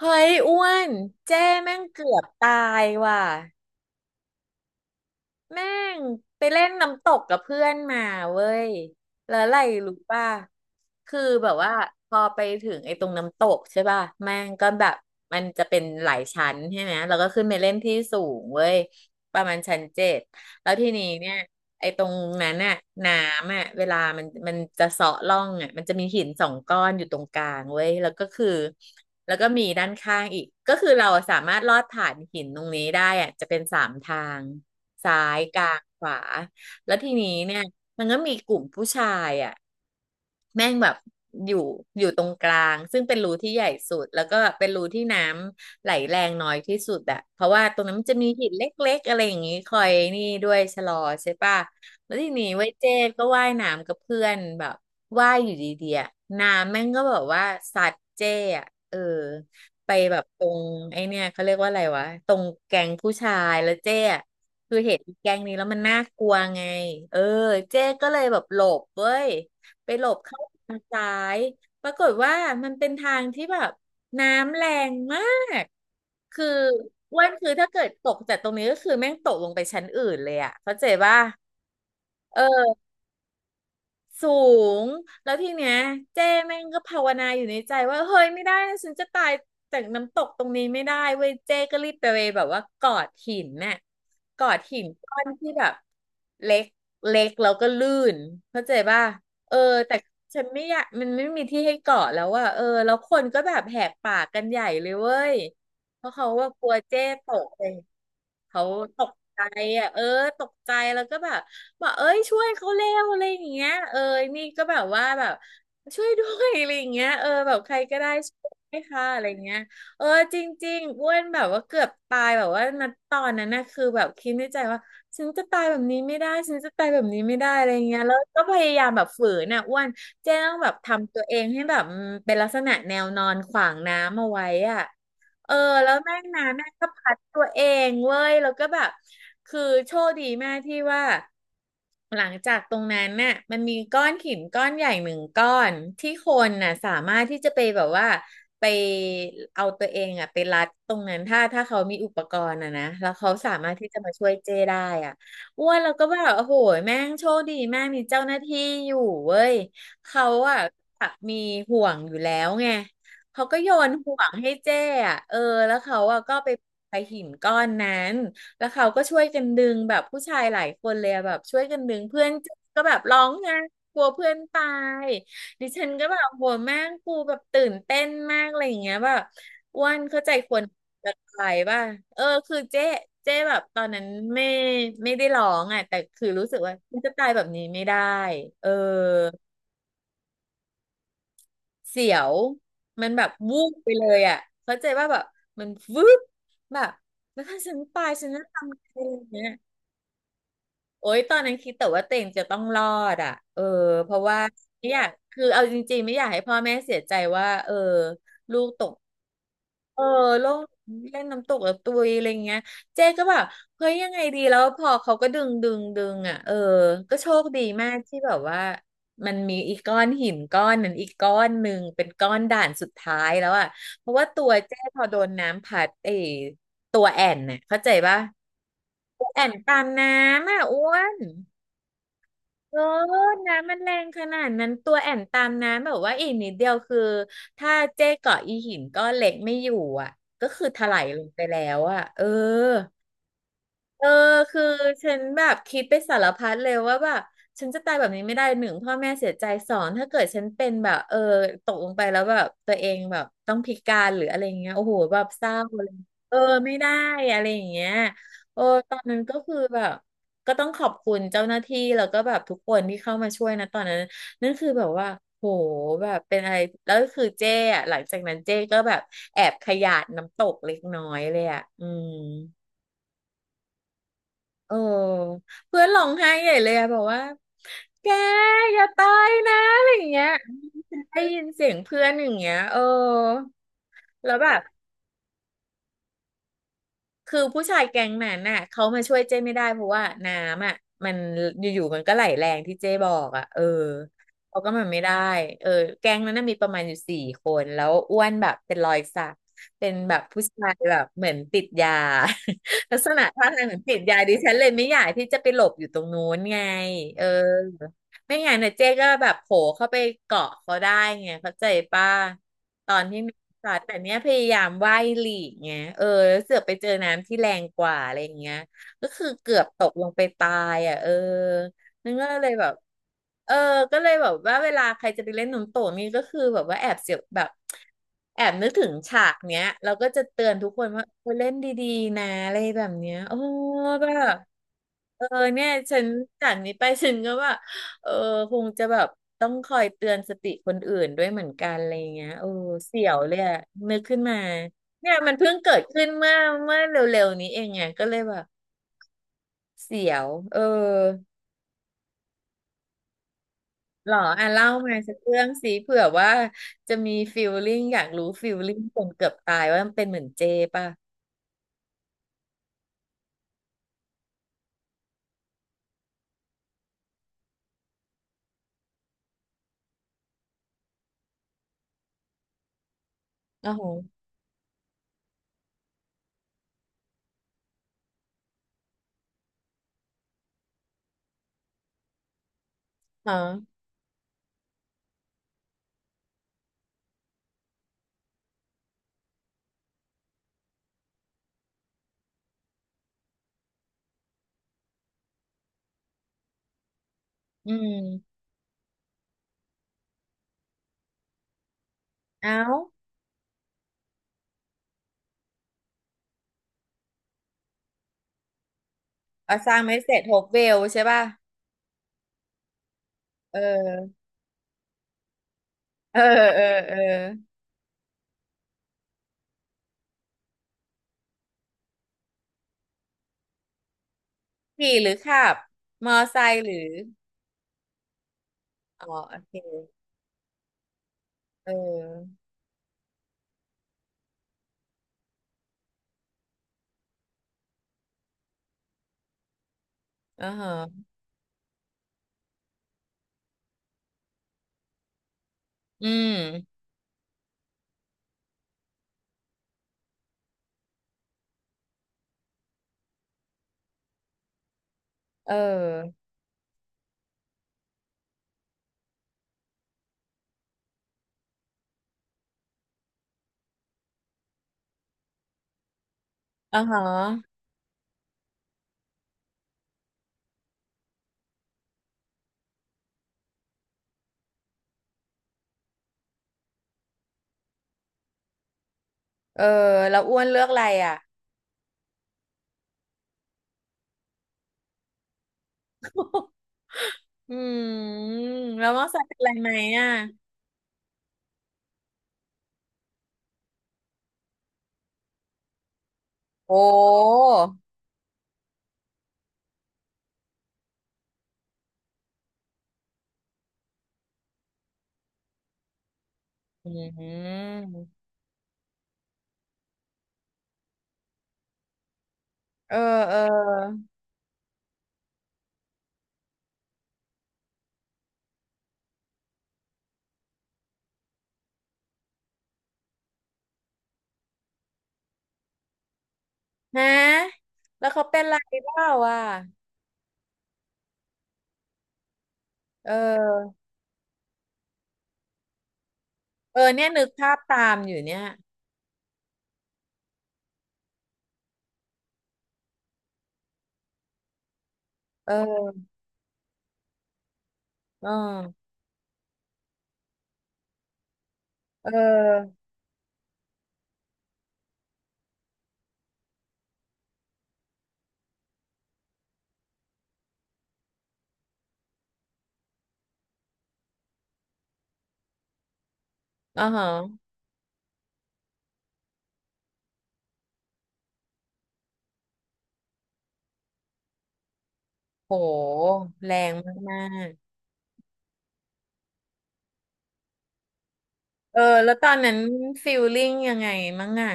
เฮ้ยอ้วนเจ้แม่งเกือบตายว่ะ แม่งไปเล่นน้ำตกกับเพื่อนมาเว้ยแล้วอะไรรู้ป่ะคือแบบว่าพอไปถึงไอ้ตรงน้ำตกใช่ป่ะแม่งก็แบบมันจะเป็นหลายชั้นใช่ไหมแล้วก็ขึ้นไปเล่นที่สูงเว้ยประมาณชั้นเจ็ดแล้วทีนี้เนี่ยไอ้ตรงนั้นน่ะน้ำอ่ะเวลามันจะเซาะร่องอ่ะมันจะมีหินสองก้อนอยู่ตรงกลางเว้ยแล้วก็คือแล้วก็มีด้านข้างอีกก็คือเราสามารถลอดผ่านหินตรงนี้ได้อ่ะจะเป็นสามทาง ซ้ายกลางขวาแล้วทีนี้เนี่ยมันก็มีกลุ่มผู้ชายอ่ะแม่งแบบอยู่อยู่ตรงกลางซึ่งเป็นรูที่ใหญ่สุดแล้วก็เป็นรูที่น้ำไหลแรงน้อยที่สุดอะเพราะว่าตรงนั้นมันจะมีหินเล็กๆอะไรอย่างงี้คอยนี่ด้วยชะลอใช่ปะแล้วทีนี้ไว้ยเจ๊ก็ว่ายน้ำกับเพื่อนแบบว่ายอยู่ดีๆอะน้ำแม่งก็แบบว่าสัดเจ๊อะเออไปแบบตรงไอเนี่ยเขาเรียกว่าอะไรวะตรงแกงผู้ชายแล้วเจ๊อะ คือเห็นอีแก๊งนี้แล้วมันน่ากลัวไง เออเจ๊ก็เลยแบบหลบเว้ยไปหลบเข้าทางซ้าย ปรากฏว่ามันเป็นทางที่แบบน้ำแรงมาก คืออ้วันคือถ้าเกิดตกจากตรงนี้ก็คือแม่งตกลงไปชั้นอื่นเลยอะเข้าใจป่ะเออ สูงแล้วทีเนี้ยเจ้แม่งก็ภาวนาอยู่ในใจว่าเฮ้ยไม่ได้นะฉันจะตายจากน้ำตกตรงนี้ไม่ได้เว้ยเจ้ก็รีบไปเว้ยแบบว่ากอดหินน่ะกอดหินก้อนที่แบบเล็กเล็กแล้วก็ลื่นเข้าใจป่ะเออแต่ฉันไม่อยากมันไม่มีที่ให้เกาะแล้วอะเออแล้วคนก็แบบแหกปากกันใหญ่เลยเว้ยเพราะเขาว่ากลัวเจ้ตกเลยเขาตกใจอ่ะเออตกใจแล้วก็แบบ บอกเอ้ยช่วยเขาเร็วอะไรอย่างเงี้ยเออนี่ก็แบบว่าแบบช่วยด้วยอะไรอย่างเงี้ยเออแบบใครก็ได้ช่วยไ้วค่ะอะไรอย่างเงี้ยเออจริงๆอ้วนแบบว่าเกือบตายแบบว่าณตอนนั้นนะคือแบบคิดในใจว่าฉันจะตายแบบนี้ไม่ได้ฉันจะตายแบบนี้ไม่ได้อะไรเงี้ยแล้วก็พยายามแบบฝืนน่ะอ้วนเจ๊ต้องแบบทำตัวเองให้แบบเป็นลักษณะแนวนอนขวางน้ำเอาไว้อ่ะ เออแล้วแม่งนะแม่งก็พัดตัวเองเว้ยแล้วก็แบบคือโชคดีแม่ที่ว่าหลังจากตรงนั้นน่ะมันมีก้อนหินก้อนใหญ่หนึ่งก้อนที่คนน่ะสามารถที่จะไปแบบว่าไปเอาตัวเองอ่ะไปรัดตรงนั้นถ้าเขามีอุปกรณ์อ่ะนะแล้วเขาสามารถที่จะมาช่วยเจ้ได้อ่ะอ้วนแล้วก็แบบโอ้โหแม่งโชคดีแม่งมีเจ้าหน้าที่อยู่เว้ยเขาอ่ะมีห่วงอยู่แล้วไง เขาก็โยนห่วงให้เจ้อะเออแล้วเขาอะก็ไปไปหินก้อนนั้นแล้วเขาก็ช่วยกันดึงแบบผู้ชายหลายคนเลยอะแบบช่วยกันดึงเพื่อนเจ้ก็แบบร้องไห้กลัวเพื่อนตายดิฉันก็แบบโหแม่งกูแบบตื่นเต้นมากอะไรอย่างเงี้ยแบบอ้วนเข้าใจคนจะตายป่ะเออคือเจ๊เจ๊แบบตอนนั้นไม่ไม่ได้ร้องอ่ะแต่คือรู้สึกว่าฉันจะตายแบบนี้ไม่ได้เออ เสียวมันแบบวูบไปเลยอ่ะเข้าใจว่าแบบมันวืบแบบแล้วถ้าฉันตายฉันจะทำอะไรอย่างเงี้ยโอ๊ยตอนนั้นคิดแต่ว่าตัวเองจะต้องรอดอ่ะเออเพราะว่าไม่อยากคือเอาจริงๆไม่อยากให้พ่อแม่เสียใจว่าเออลูกตก เออโลงเล่นน้ำตกแบบตุยอะไรเงี้ยเจ๊ก็แบบเฮ้ยยังไงดีแล้วพอเขาก็ดึงดึงดึงอ่ะเออก็โชคดีมากที่แบบว่ามันมีอีกก้อนหินก้อนนั้นอีกก้อนหนึ่งเป็นก้อนด่านสุดท้ายแล้วอ่ะเพราะว่าตัวเจ๊พอโดนน้ำพัดเออตัวแอ่นเนี่ยเข้าใจปะตัวแอ่นตามน้ำอ่ะอ้วน เออน้ำมันแรงขนาดนั้นตัวแอนตามน้ำแบบว่าอีกนิดเดียวคือถ้าเจ๊เกาะอีหินก็เล็กไม่อยู่อ่ะก็คือถลายลงไปแล้วอ่ะเออ เออคือฉันแบบคิดไปสารพัดเลยว่าแบบฉันจะตายแบบนี้ไม่ได้หนึ่งพ่อแม่เสียใจ2ถ้าเกิดฉันเป็นแบบเออตกลงไปแล้วแบบตัวเองแบบต้องพิการหรืออะไรอย่างเงี้ยโอ้โหแบบเศร้าเลยเออไม่ได้อะไรอย่างเงี้ยโอ้ตอนนั้นก็คือแบบก็ต้องขอบคุณเจ้าหน้าที่แล้วก็แบบทุกคนที่เข้ามาช่วยนะตอนนั้นนั่นคือแบบว่าโหแบบเป็นอะไรแล้วคือเจ้อะหลังจากนั้นเจ้ก็แบบแอบขยาดน้ำตกเล็กน้อยเลยอะอืม เออเพื่อนร้องไห้ใหญ่เลยอะบอกว่าแกอย่าตายนะอะไรอย่างเงี้ยได้ยินเสียงเพื่อนอย่างเงี้ยเออแล้วแบบ คือผู้ชายแก๊งนั้นน่ะเขามาช่วยเจ้ไม่ได้เพราะว่าน้ำอ่ะมันอยู่ๆมันก็ไหลแรงที่เจ้บอกอ่ะเออเขาก็มันไม่ได้เออแก๊งนั้นน่ะมีประมาณอยู่4คนแล้วอ้วนแบบเป็นรอยสักเป็นแบบผู้ชายแบบเหมือนติดยา ลักษณะท่าทางเหมือนติดยาดิฉันเลยไม่อยากที่จะไปหลบอยู่ตรงนู้นไงเออไม่งั้นน่ะเจ๊ก็แบบโผล่เข้าไปเกาะเขาได้ไงเข้าใจป่ะ ตอนที่มีสัตว์แต่เนี้ยพยายามว่ายหลีกเงี้ยเออแล้วเสือกไปเจอน้ำที่แรงกว่าอะไรอย่างเงี้ยก็คือเกือบตกลงไปตายอ่ะเออนั่นก็เลยแบบเออก็เลยแบบว่าเวลาใครจะไปเล่นน้ำตกนี่ก็คือแบบว่าแอบเสียวแบบแอบนึกถึงฉากเนี้ยเราก็จะเตือนทุกคนว่าเออเล่นดีๆนะอะไรแบบเนี้ยโอ้แบบเออเนี่ยฉันจากนี้ไปฉันก็ว่า เออคงจะแบบต้องคอยเตือนสติคนอื่นด้วยเหมือนกันอะไรอย่างเงี้ยเอ้เสียวเลยอะนึกขึ้นมาเนี่ยมันเพิ่งเกิดขึ้นเมื่อเร็วๆนี้เองไงก็เลยแบบเสียวเออหรออ่ะเล่ามาสักเรื่องสิเผื่อว่าจะมีฟีลลิ่งอยากรู้ฟีลลิ่งคนเกือบตายว่ามันเป็นเหมือนเจป่ะอ๋อโหฮะอืมเอ้าเอาสร้างไม่เสร็จโฮปเวลใช่ป่ะเออเออเออเออขี่หรือขับมอไซค์หรือ อ๋อโอเคเอออ่าฮะอืมเอออ่าฮะเออแล้วอ้วนเลือกอะไรอ่ะอืมแล้วมอสเป็นอะไรไหมอ่ะโอ้อืมเออเออฮะแล้วเขาเป็นอะไรบ้างวะเออเออเนี่ยนึกภาพตามอยู่เนี่ยเออเออเอออ่าฮะโหแรงมากๆเออแล้วตอนนั้นฟีลลิ่งยังไงมั้งอ่ะ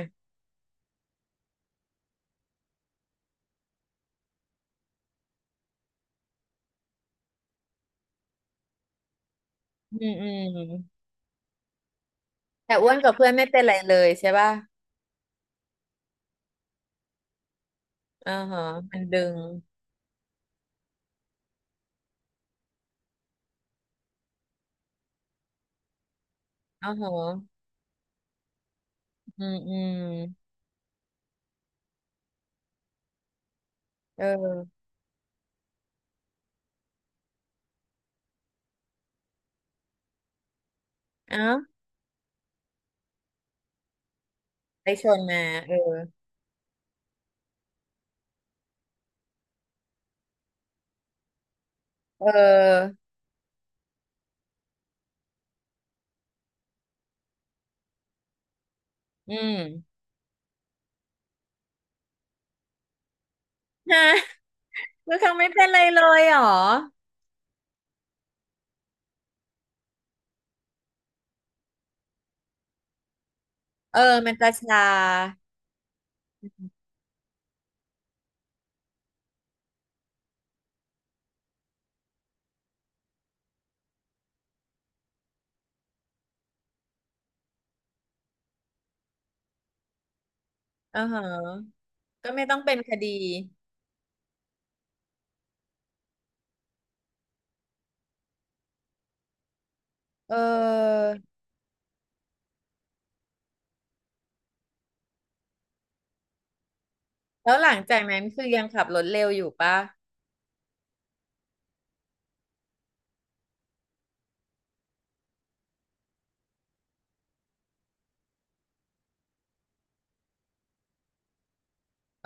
อืมอืมแต่อ้วนกับเพื่อนไม่เป็นไรเลยใช่ป่ะอ่าฮะมันดึงอ่าฮะอืมอืมเออเอ้าไปชนมาเออเอออืม ฮะคือเขาไม่เป็นไรเลยเหรอเออมันจะชาอ่าฮะก็ไม่ต้องเป็นคดีเออแล้วหลังจากนั้นคือยังขับรถเร็วอยู่ป่ะ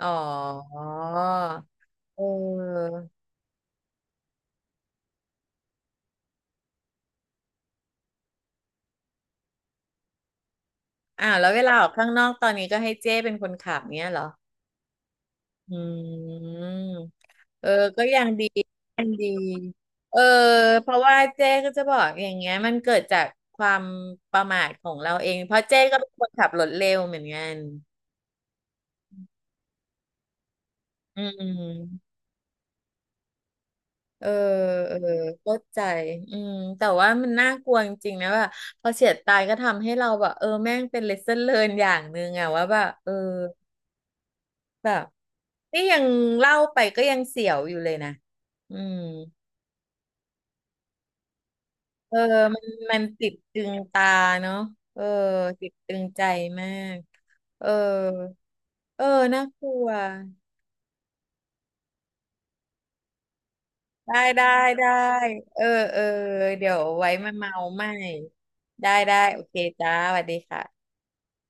อ๋อเอออ่าวแล้วเวลาออกข้างนอกตอนนี้ก็ให้เจ้เป็นคนขับเนี้ยเหรอ อืมเออก็ยังดี ยังดีเออเพราะว่าเจ๊ก็จะบอกอย่างเงี้ยมันเกิดจากความประมาทของเราเอง เพราะเจ๊ก็เป็นคนขับรถเร็วเหมือนกันอืมเออเออเข้าใจอืมแต่ว่ามันน่ากลัวจริงๆนะว่าพอเฉียดตายก็ทำให้เราแบบเออแม่งเป็น lesson learn อย่างหนึ่งอะว่าแบบเออแบบนี่ยังเล่าไปก็ยังเสียวอยู่เลยนะ อืม เออ มันติดตึงตาเนาะเออติดตึงใจมาก เออ เออน่ากลัวได้ได้ได้ เออ เออ เดี๋ยวไว้มาเมาใหม่ได้ได้ โอเคจ้าสวัสดีค่ะ